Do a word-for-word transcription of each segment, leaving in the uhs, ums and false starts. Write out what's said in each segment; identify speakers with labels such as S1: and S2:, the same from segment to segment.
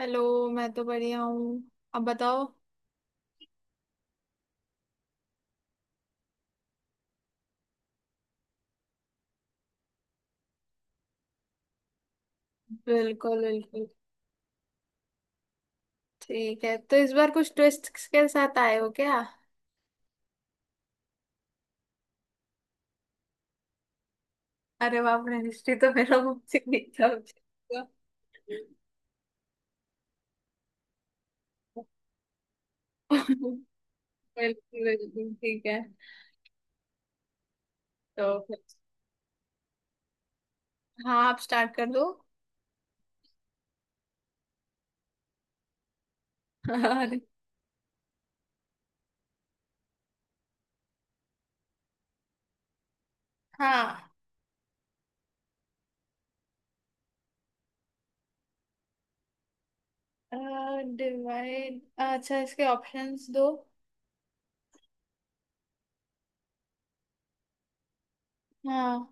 S1: Hello. मैं तो बढ़िया हूँ। अब बताओ। बिल्कुल बिल्कुल। ठीक है, तो इस बार कुछ ट्विस्ट के साथ आए हो क्या? अरे बाप रे, हिस्ट्री तो मेरा मुझसे नीचा हो जाएगा। बिल्कुल। बिल्कुल ठीक है। तो फिर- हाँ, आप स्टार्ट कर दो। अरे हाँ, डिवाइड अच्छा, इसके ऑप्शंस दो। हाँ।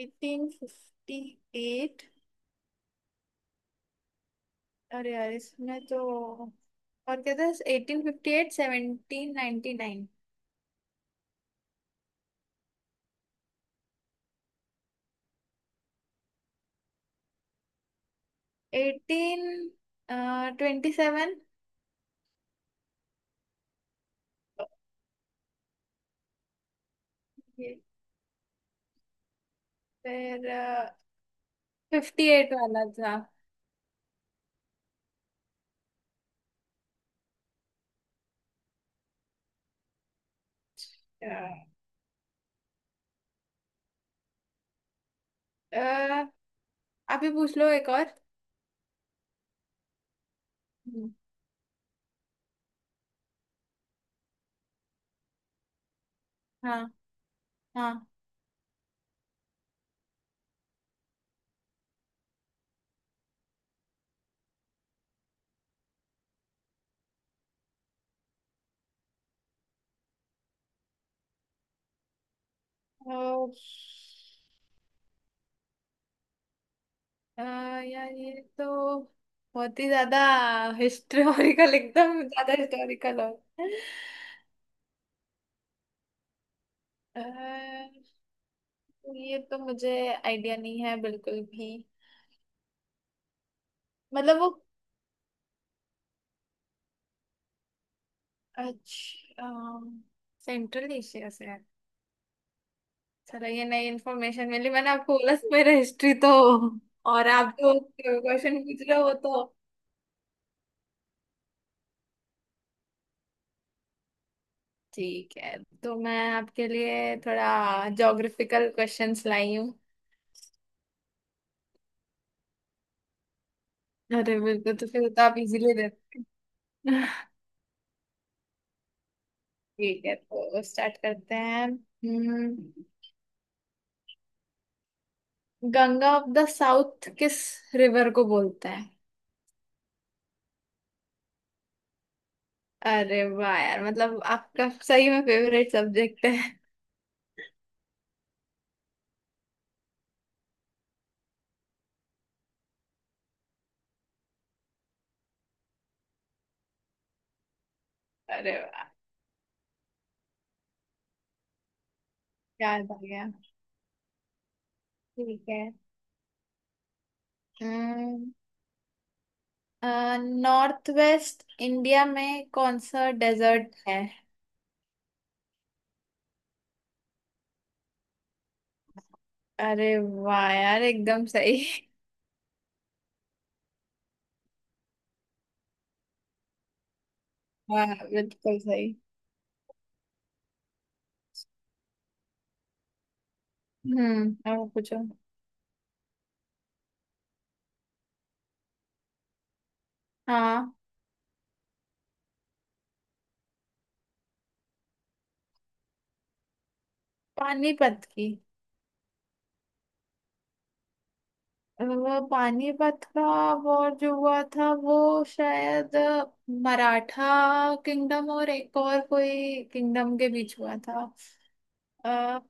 S1: Eighteen fifty eight. अरे यार, इसमें तो और कहते हैं eighteen fifty eight, seventeen ninety nine. Eighteen twenty seven. फिर, फिफ्टी एट वाला था। अह, आप ही पूछ लो एक और। हम्म। हाँ हाँ। तो, अह, यार ये तो बहुत ही ज्यादा हिस्टोरिकल, एकदम ज्यादा हिस्टोरिकल हो। अह, ये तो मुझे आइडिया नहीं है बिल्कुल भी। मतलब वो, अच्छा, सेंट्रल एशिया से है। चलो ये नई इन्फॉर्मेशन मिली, मैंने आपको बोला था, मेरा हिस्ट्री तो। और आप जो क्वेश्चन पूछ रहे हो वो तो। ठीक है, तो मैं आपके लिए थोड़ा ज्योग्राफिकल क्वेश्चंस लाई हूँ। अरे बिल्कुल, तो फिर तो आप इजीली दे। ठीक है, तो स्टार्ट करते हैं। हम्म, गंगा ऑफ द साउथ किस रिवर को बोलते हैं? अरे वाह यार, मतलब आपका सही में फेवरेट सब्जेक्ट है। अरे वाह, याद आ गया। ठीक है, नॉर्थ वेस्ट इंडिया में कौन सा डेजर्ट है? अरे वाह यार, एकदम सही। हाँ, बिल्कुल सही। हम्म अब पूछो। हाँ, पानीपत की। वो पानीपत का, वो जो हुआ था, वो शायद मराठा किंगडम और एक और कोई किंगडम के बीच हुआ था। अ,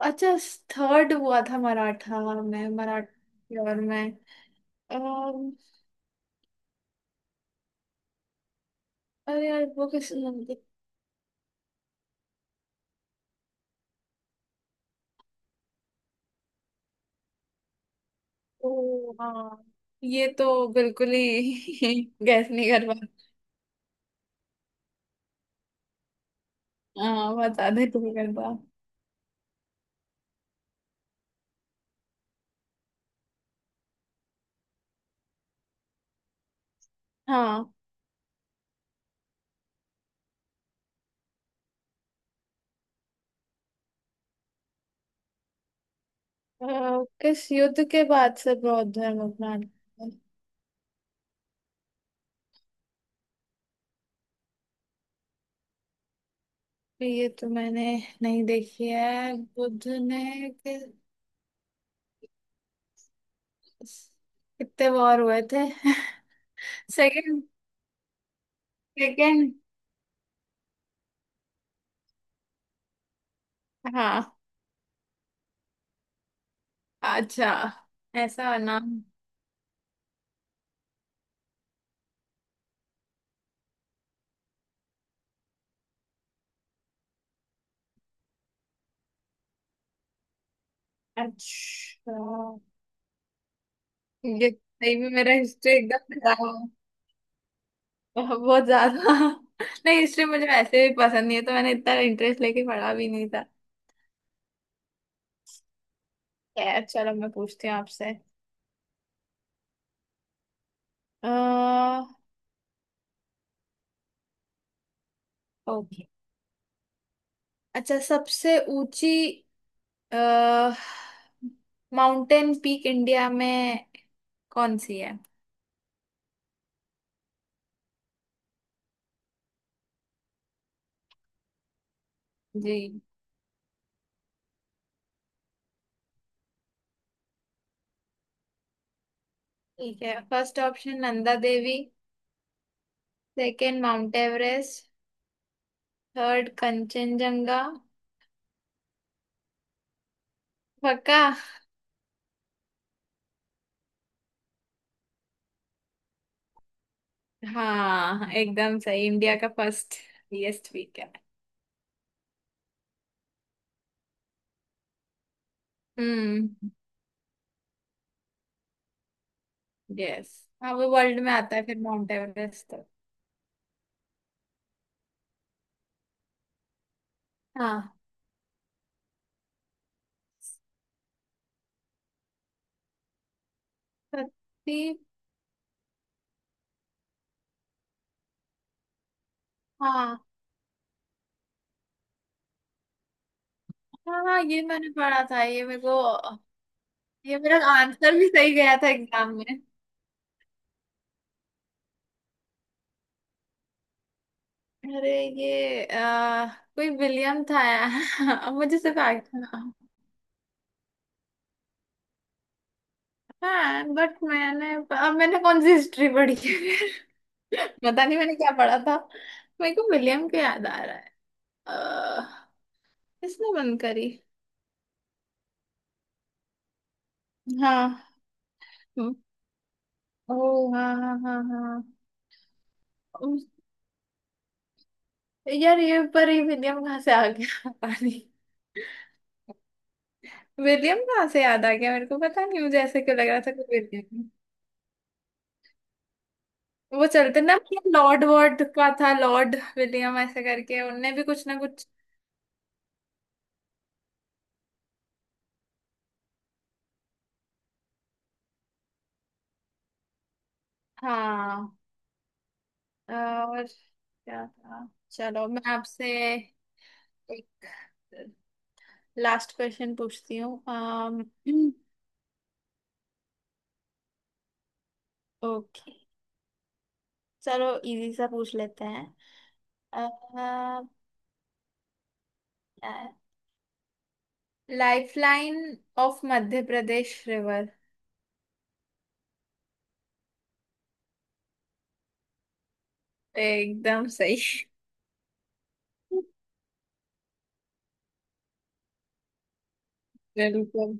S1: अच्छा, थर्ड हुआ था मराठा में, मराठा और में। अरे यार, वो कैसे बनती। ओ हाँ, ये तो बिल्कुल ही गैस नहीं कर पा। हाँ, बता दे तू कर पा। हाँ, अ, किस युद्ध के बाद से बौद्ध धर्म अपना लिया? ये तो मैंने नहीं देखी है। बुद्ध ने किस- कितने वॉर हुए थे? Second, second. हाँ। अच्छा। ऐसा नाम। अच्छा, ये सही में मेरा हिस्ट्री एकदम खराब। बहुत ज्यादा। नहीं, हिस्ट्री मुझे वैसे भी पसंद नहीं है, तो मैंने इतना इंटरेस्ट लेके पढ़ा भी नहीं था। खैर चलो, मैं पूछती हूँ आपसे। अह ओके, अच्छा, सबसे ऊंची अह माउंटेन पीक इंडिया में कौन सी है? जी। ठीक है, first option Nanda Devi, second Mount Everest, third Kanchenjunga. पक्का? हाँ, एकदम सही। इंडिया का फर्स्ट हाईएस्ट पीक है। हम्म, यस, हाँ, वो वर्ल्ड में आता है फिर माउंट एवरेस्ट तो। हाँ, सत्ती। हाँ, हाँ, हाँ, ये मैंने पढ़ा था ये मेरे को। ये मेरा आंसर भी सही गया था एग्जाम में। अरे, ये आ, कोई विलियम था। अब मुझे सिर्फ आगे था नाम। हाँ, बट मैंने, अब मैंने कौन सी हिस्ट्री पढ़ी है फिर। पता नहीं मैंने क्या पढ़ा था। मेरे को विलियम का याद आ रहा है। अह, किसने बंद करी? हाँ। ओ हाँ, हाँ, हाँ। हाँ। यार ये, पर ये विलियम कहाँ से आ गया पानी। विलियम कहाँ से याद आ गया मेरे को? पता नहीं, मुझे ऐसे क्यों लग रहा था कि विलियम। वो चलते ना, लॉर्ड वॉर्ड का था, लॉर्ड विलियम ऐसे करके उनने भी कुछ ना कुछ। हाँ, और क्या था। चलो, मैं आपसे एक लास्ट क्वेश्चन पूछती हूँ। ओके। चलो, इजी सा पूछ लेते हैं। Lifeline of Madhya Pradesh? एकदम सही। बिल्कुल।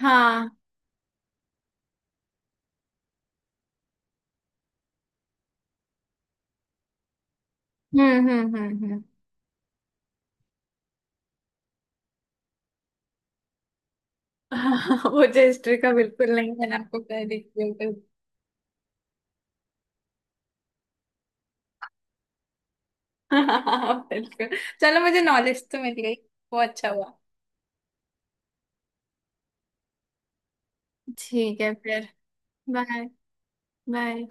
S1: हाँ, हम्म, हम्म, हम्म, हम्म। हाँ, मुझे हिस्ट्री का बिल्कुल नहीं, मैंने आपको कह दी बिल्कुल। हाँ, बिल्कुल, चलो मुझे नॉलेज तो मिल गई। वो अच्छा हुआ। ठीक है फिर। बाय। बाय।